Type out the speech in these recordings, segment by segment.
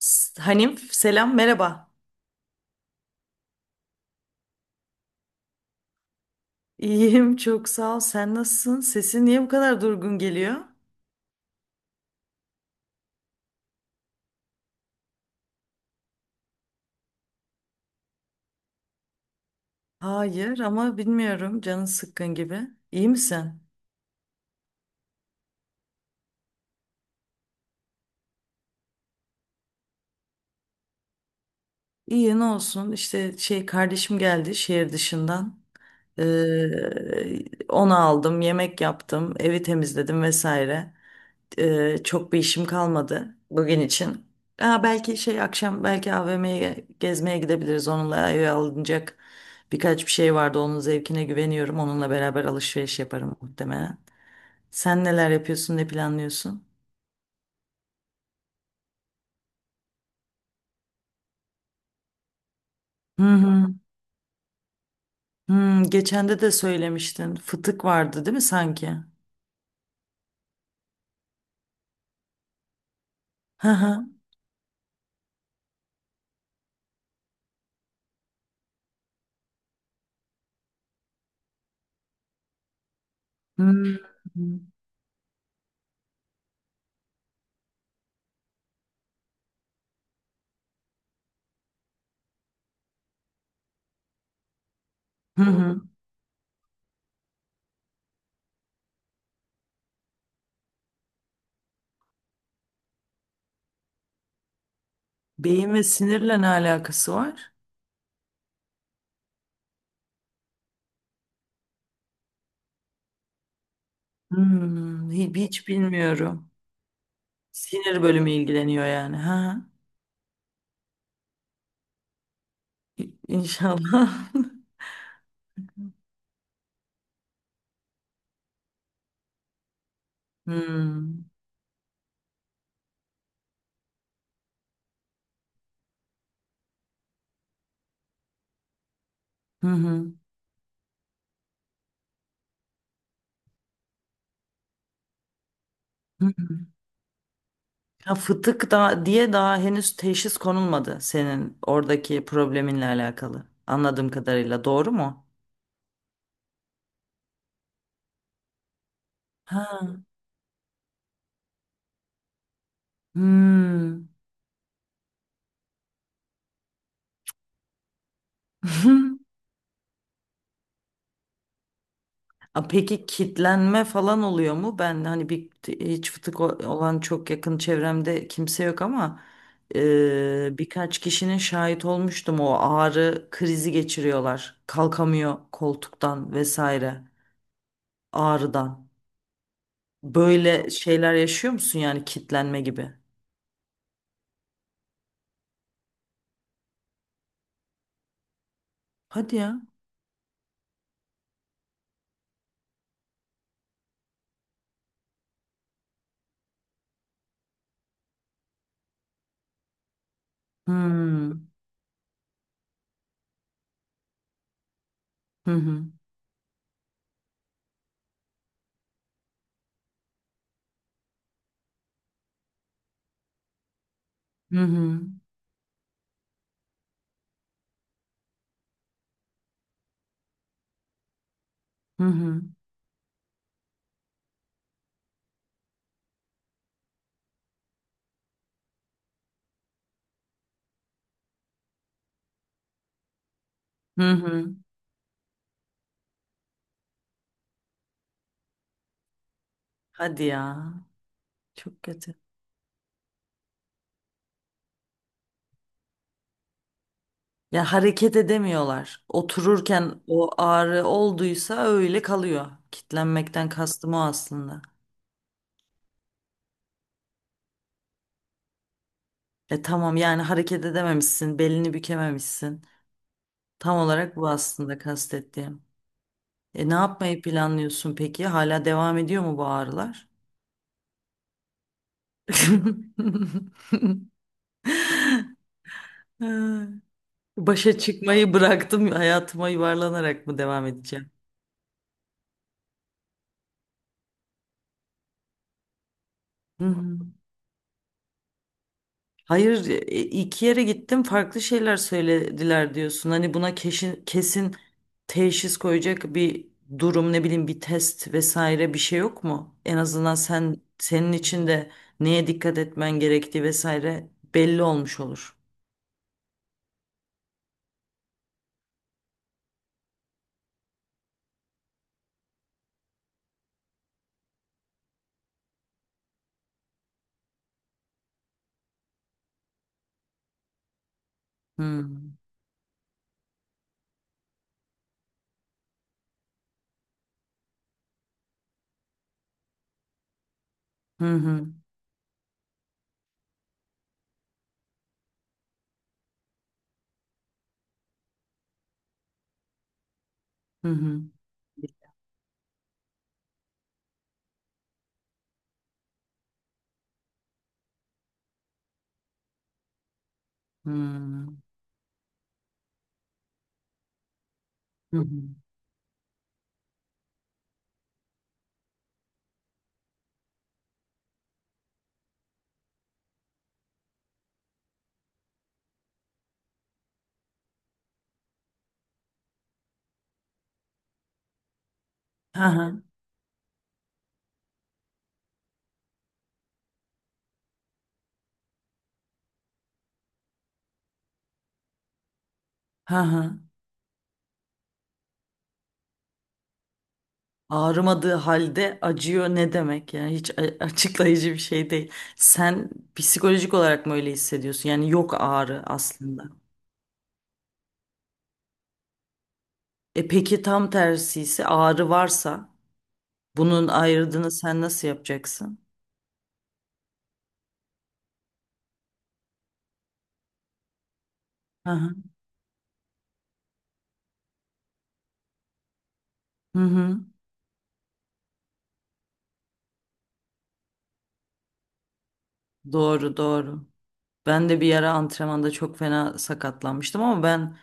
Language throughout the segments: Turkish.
S- Hanif, selam, merhaba. İyiyim, çok sağ ol. Sen nasılsın? Sesin niye bu kadar durgun geliyor? Hayır ama bilmiyorum, canın sıkkın gibi. İyi misin? İyi, ne olsun işte, kardeşim geldi şehir dışından. Onu aldım, yemek yaptım, evi temizledim vesaire. Çok bir işim kalmadı bugün için. Belki akşam belki AVM'ye gezmeye gidebiliriz. Onunla eve alınacak birkaç bir şey vardı. Onun zevkine güveniyorum. Onunla beraber alışveriş yaparım muhtemelen. Sen neler yapıyorsun, ne planlıyorsun? Hı hı. Hı, geçen de söylemiştin. Fıtık vardı değil mi sanki? Hı hı. Hı hı. Hı hı. Beyin ve sinirle ne alakası var? Hmm, hiç bilmiyorum. Sinir bölümü ilgileniyor yani. Ha. İnşallah. Hmm. Hı hı. Hı. Ya fıtık da diye daha henüz teşhis konulmadı senin oradaki probleminle alakalı. Anladığım kadarıyla doğru mu? Ha. Hmm. A, peki kitlenme falan oluyor mu? Ben hani bir hiç fıtık olan çok yakın çevremde kimse yok ama e, birkaç kişinin şahit olmuştum, o ağrı krizi geçiriyorlar. Kalkamıyor koltuktan vesaire, ağrıdan. Böyle şeyler yaşıyor musun yani, kitlenme gibi? Hadi ya. Hmm. Hı hı. Hı hı. Hı hı. Hı hı. Hadi ya. Çok kötü. Ya hareket edemiyorlar. Otururken o ağrı olduysa öyle kalıyor. Kitlenmekten kastım o aslında. E tamam, yani hareket edememişsin, belini bükememişsin. Tam olarak bu aslında kastettiğim. E ne yapmayı planlıyorsun peki? Hala devam ediyor mu bu ağrılar? Ha, başa çıkmayı bıraktım, hayatıma yuvarlanarak mı devam edeceğim? Hı hı. Hayır, iki yere gittim, farklı şeyler söylediler diyorsun. Hani buna kesin teşhis koyacak bir durum, ne bileyim bir test vesaire, bir şey yok mu? En azından sen senin için de neye dikkat etmen gerektiği vesaire belli olmuş olur. Hı hı hı hı hı. Hı hı. Hı hı. Hı hı. Ha ha. Ha ha. Ağrımadığı halde acıyor ne demek yani, hiç açıklayıcı bir şey değil. Sen psikolojik olarak mı öyle hissediyorsun? Yani yok ağrı aslında. E peki tam tersi ise, ağrı varsa bunun ayrımını sen nasıl yapacaksın? Hı hı. Hı hı. Doğru, doğru. Ben de bir ara antrenmanda çok fena sakatlanmıştım ama ben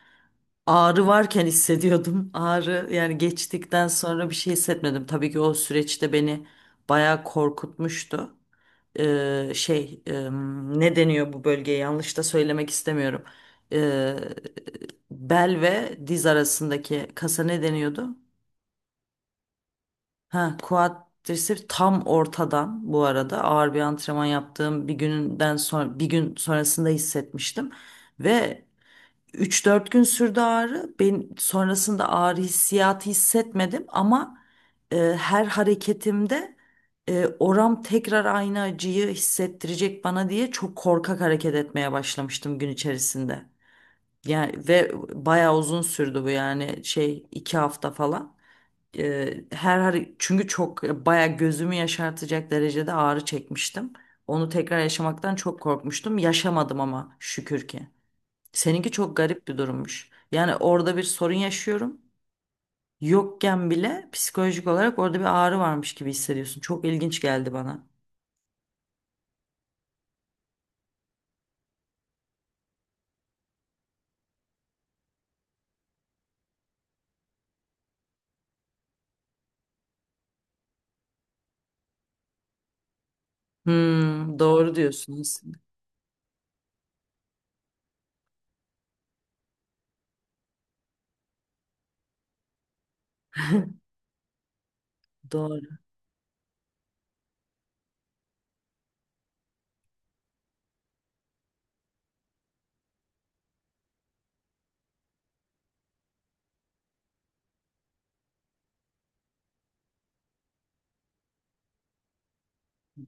ağrı varken hissediyordum. Ağrı yani geçtikten sonra bir şey hissetmedim. Tabii ki o süreçte beni bayağı korkutmuştu. e, şey e, Ne deniyor bu bölgeye, yanlış da söylemek istemiyorum. E, Bel ve diz arasındaki kasa ne deniyordu? Ha, quadriceps tam ortadan. Bu arada ağır bir antrenman yaptığım bir günden sonra, bir gün sonrasında hissetmiştim ve üç dört gün sürdü ağrı. Ben sonrasında ağrı hissiyatı hissetmedim ama her hareketimde oram tekrar aynı acıyı hissettirecek bana diye çok korkak hareket etmeye başlamıştım gün içerisinde. Yani, ve bayağı uzun sürdü bu, yani 2 hafta falan. Çünkü çok bayağı gözümü yaşartacak derecede ağrı çekmiştim. Onu tekrar yaşamaktan çok korkmuştum. Yaşamadım ama şükür ki. Seninki çok garip bir durummuş. Yani orada bir sorun yaşıyorum. Yokken bile psikolojik olarak orada bir ağrı varmış gibi hissediyorsun. Çok ilginç geldi bana. Hmm, doğru diyorsun aslında. Doğru.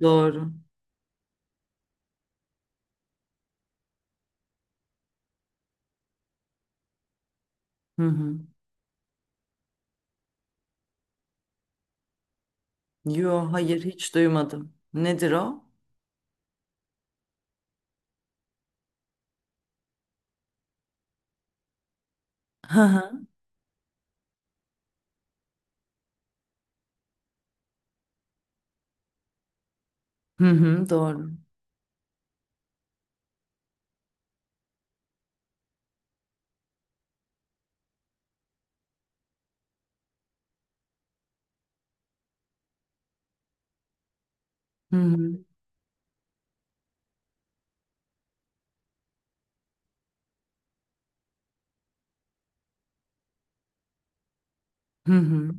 Doğru. Hı hı. Yo, hayır, hiç duymadım. Nedir o? Hı hı. Hı hı, doğru. Hı hı. Hı hı.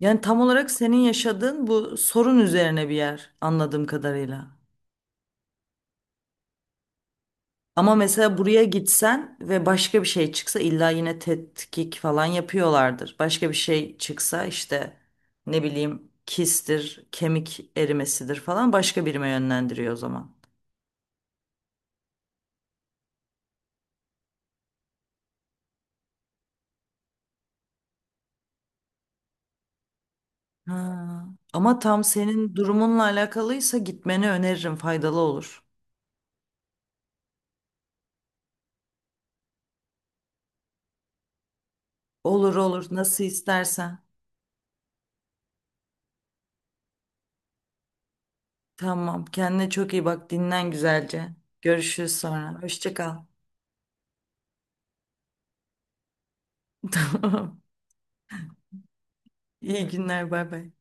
Yani tam olarak senin yaşadığın bu sorun üzerine bir yer anladığım kadarıyla. Ama mesela buraya gitsen ve başka bir şey çıksa, illa yine tetkik falan yapıyorlardır. Başka bir şey çıksa işte, ne bileyim kistir, kemik erimesidir falan, başka birime yönlendiriyor o zaman. Ha. Ama tam senin durumunla alakalıysa gitmeni öneririm, faydalı olur. Olur olur, nasıl istersen. Tamam, kendine çok iyi bak, dinlen güzelce. Görüşürüz sonra. Hoşça kal. Tamam. İyi günler, bay bay.